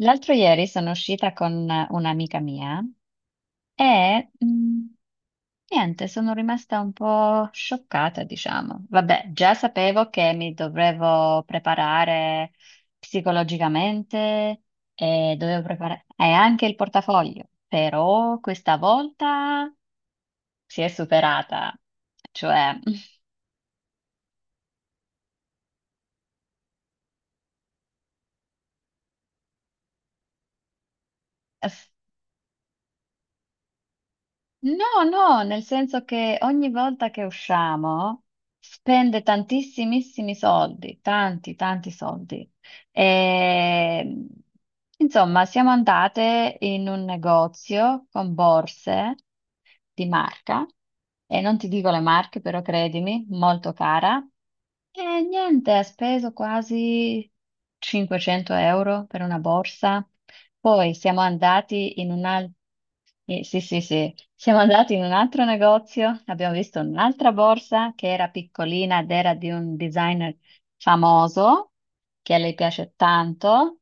L'altro ieri sono uscita con un'amica mia e mh, niente, sono rimasta un po' scioccata, diciamo. Vabbè, già sapevo che mi dovevo preparare psicologicamente e dovevo preparare e anche il portafoglio, però questa volta si è superata, cioè No, no, nel senso che ogni volta che usciamo spende tantissimissimi soldi, tanti, tanti soldi. E, insomma, siamo andate in un negozio con borse di marca, e non ti dico le marche, però credimi, molto cara. E niente, ha speso quasi 500 euro per una borsa. Poi siamo andati in un'altra. Sì, sì, sì, siamo andati in un altro negozio, abbiamo visto un'altra borsa che era piccolina ed era di un designer famoso che a lei piace tanto.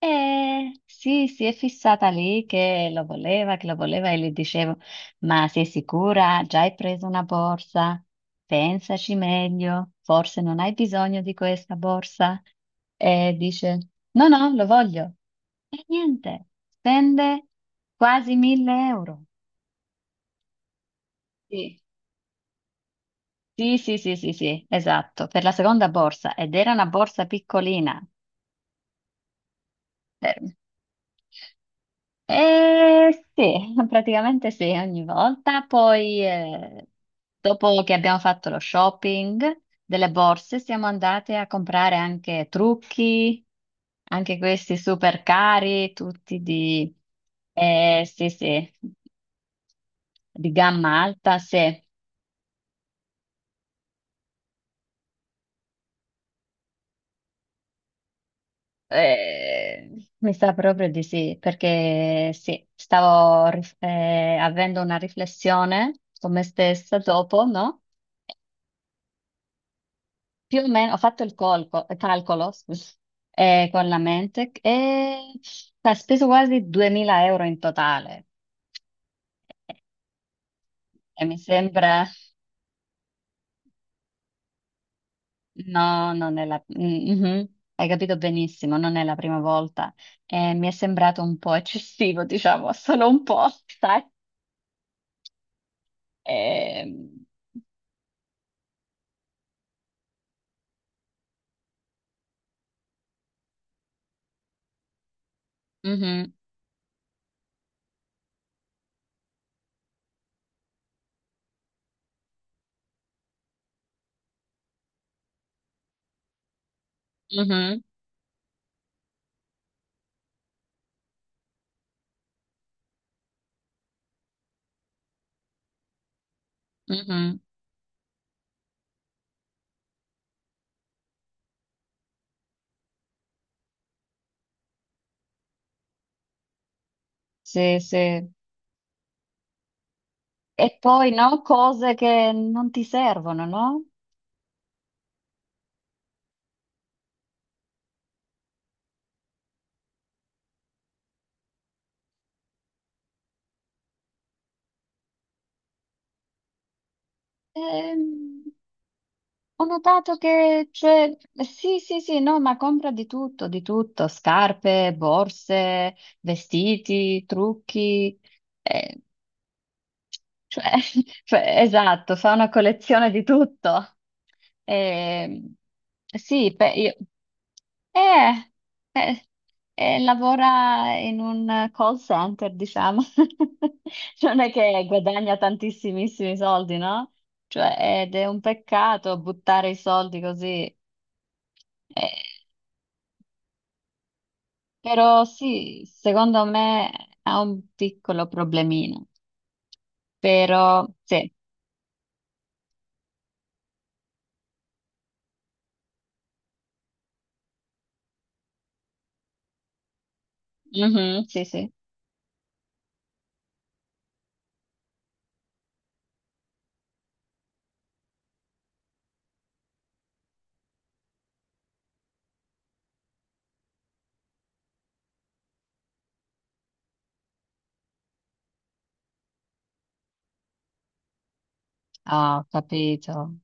Sì, si è fissata lì che lo voleva e le dicevo, ma sei sicura? Già hai preso una borsa? Pensaci meglio, forse non hai bisogno di questa borsa. E dice, no, no, lo voglio. E niente, spende quasi 1000 euro. Sì, sì, sì, sì, sì, sì, esatto, per la seconda borsa ed era una borsa piccolina. Sì, praticamente sì, ogni volta. Poi, dopo che abbiamo fatto lo shopping delle borse, siamo andate a comprare anche trucchi, anche questi super cari, tutti di, sì, sì, di gamma alta, sì. Eh, mi sa proprio di sì, perché sì, avendo una riflessione con me stessa dopo, no? Più o meno, ho fatto il calcolo, scusa, con la mente e ha speso quasi 2000 euro in totale. E mi sembra, no, non è la, mm, mhm, hai capito benissimo, non è la prima volta. E mi è sembrato un po' eccessivo, diciamo, solo un po', sai? Ehm, mhm, mhm, mhm. Sì, sì. E poi, no, cose che non ti servono, no? Ehm, Ho notato che, cioè, sì, sì, sì, no, ma compra di tutto, scarpe, borse, vestiti, trucchi. Eh, cioè, cioè, esatto, fa una collezione di tutto. Ehm, sì, eh, eh, lavora in un call center, diciamo. Cioè, non è che guadagna tantissimissimi soldi, no? Cioè, ed è un peccato buttare i soldi così. Eh, però sì, secondo me ha un piccolo problemino. Però sì, mhm, sì, sì. Ah, ho capito.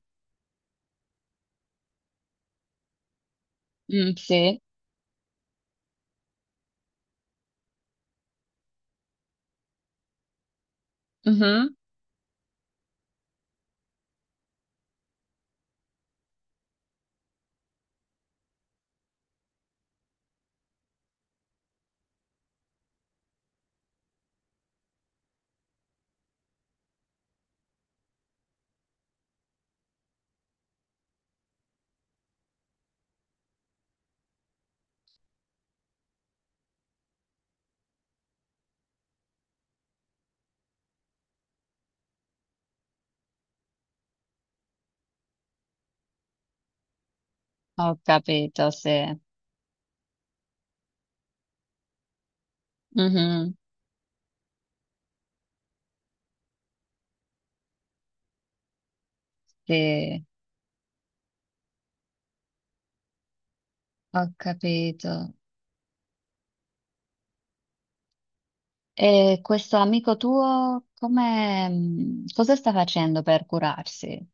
Mm, sì, mhm. Ho capito, sì. Mhm. Sì, ho capito. E questo amico tuo, come, cosa sta facendo per curarsi?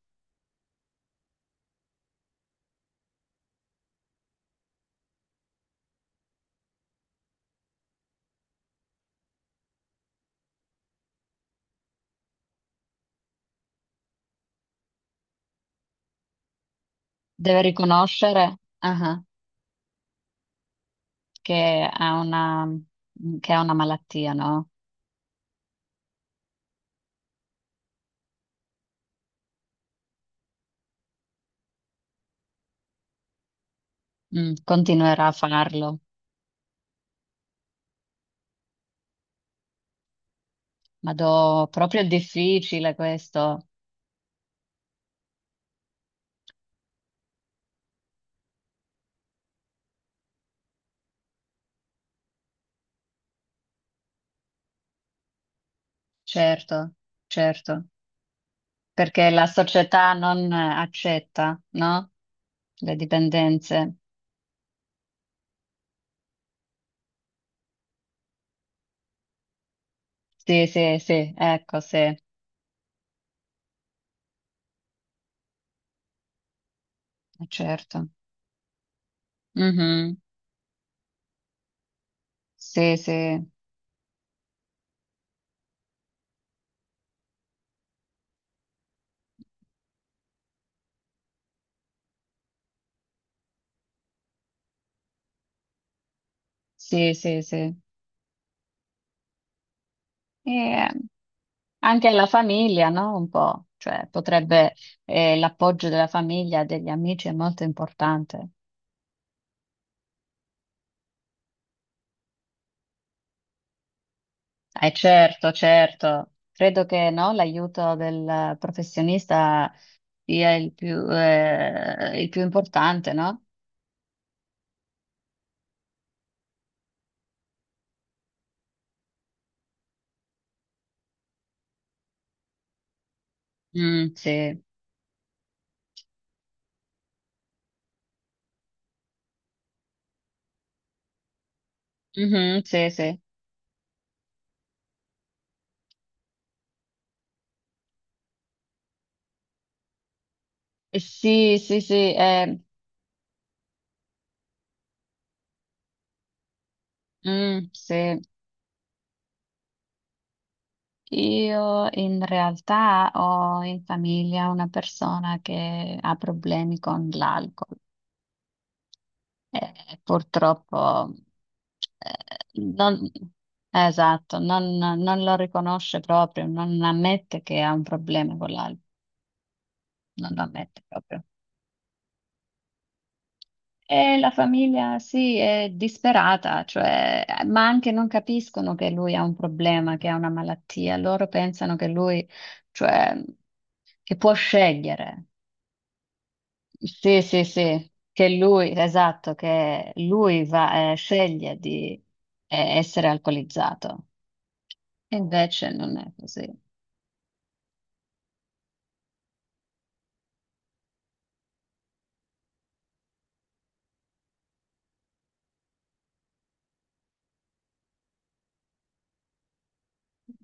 Deve riconoscere, ah, che ha una, mm, che ha una malattia, no? Mm, continuerà a farlo. Ma do, proprio è difficile questo. Certo, certo. Perché la società non accetta, no? Le dipendenze. Sì, sì, sì, ecco, sì, certo. Mhm. Sì, sì, sì, sì, sì. E eh, anche la famiglia, no? Un po', cioè potrebbe, l'appoggio della famiglia, degli amici è molto importante. Certo, certo. Credo che no, l'aiuto del professionista sia il più importante, no? Mm, sì. Mhm, sì, sì. Sì, sì, sì, mm, sì. Io in realtà ho in famiglia una persona che ha problemi con l'alcol. Purtroppo, eh, non, esatto, non, non lo riconosce proprio, non ammette che ha un problema con l'alcol, non lo ammette proprio. E la famiglia sì, è disperata, cioè, ma anche non capiscono che lui ha un problema, che ha una malattia. Loro pensano che lui, cioè, che può scegliere. Sì, sì, sì, che lui, esatto, che lui va, sceglie di essere alcolizzato. E invece non è così.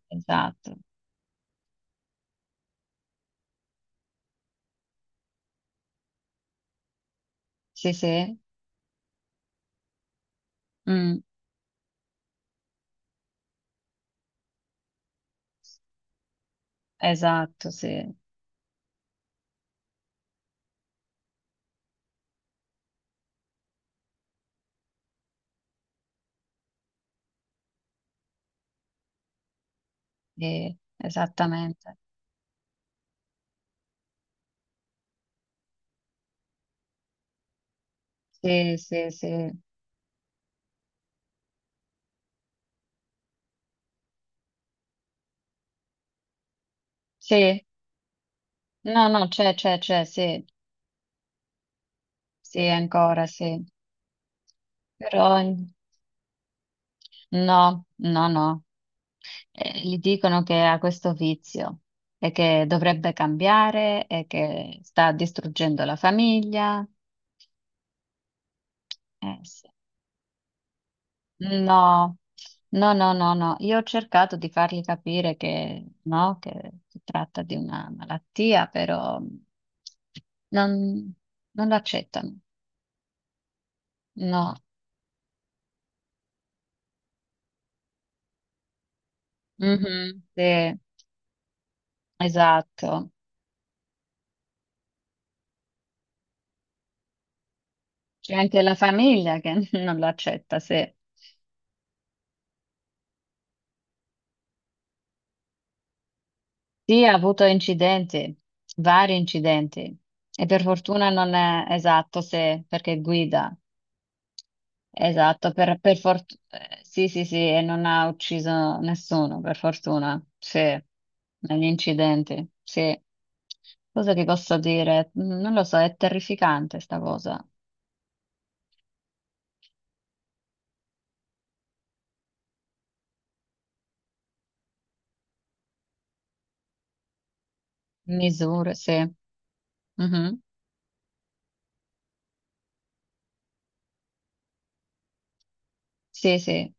Esatto. Sì, sì. Mm, esatto, sì. Sì, esattamente. Sì, sì, sì. Sì, no, no, c'è, sì, sì, ancora, sì. Però no, no, no. Gli dicono che ha questo vizio e che dovrebbe cambiare e che sta distruggendo la famiglia. Sì. No, no, no, no, no. Io ho cercato di fargli capire che no, che si tratta di una malattia, però non, non lo accettano. No. Mhm, sì, esatto. C'è anche la famiglia che non lo accetta, sì. Sì, ha avuto incidenti, vari incidenti, e per fortuna non è esatto, se perché guida, esatto, per, sì, sì, sì, e non ha ucciso nessuno, per fortuna, sì, negli incidenti, sì. Cosa ti posso dire? Mm, non lo so, è terrificante sta cosa. Misure, sì. Mhm. Sì, sì,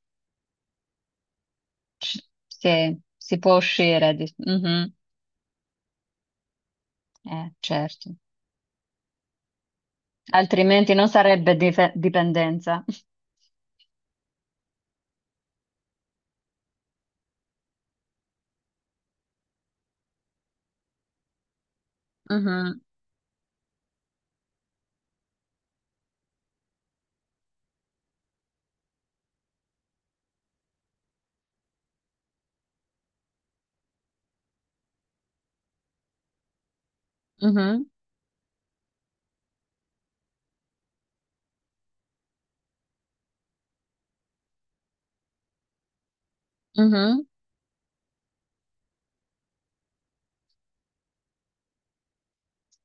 C- sì, si può uscire. Di- mhm. Certo. Altrimenti non sarebbe dipendenza. Mhm, mhm, mhm.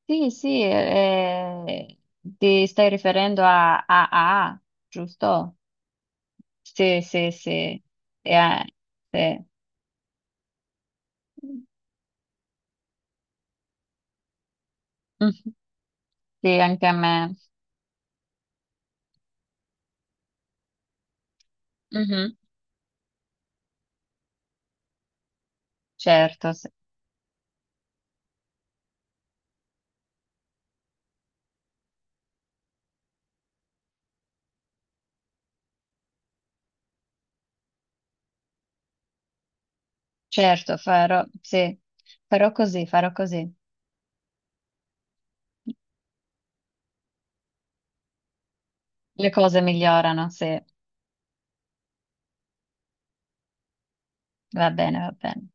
Sì, sì, ti stai riferendo a AA, giusto? Sì, sì, sì. Eh, sì. Mhm. Sì, anche a me. Mhm. Certo, sì. Certo, farò, sì. Farò così, farò così. Le cose migliorano, sì. Va bene, va bene.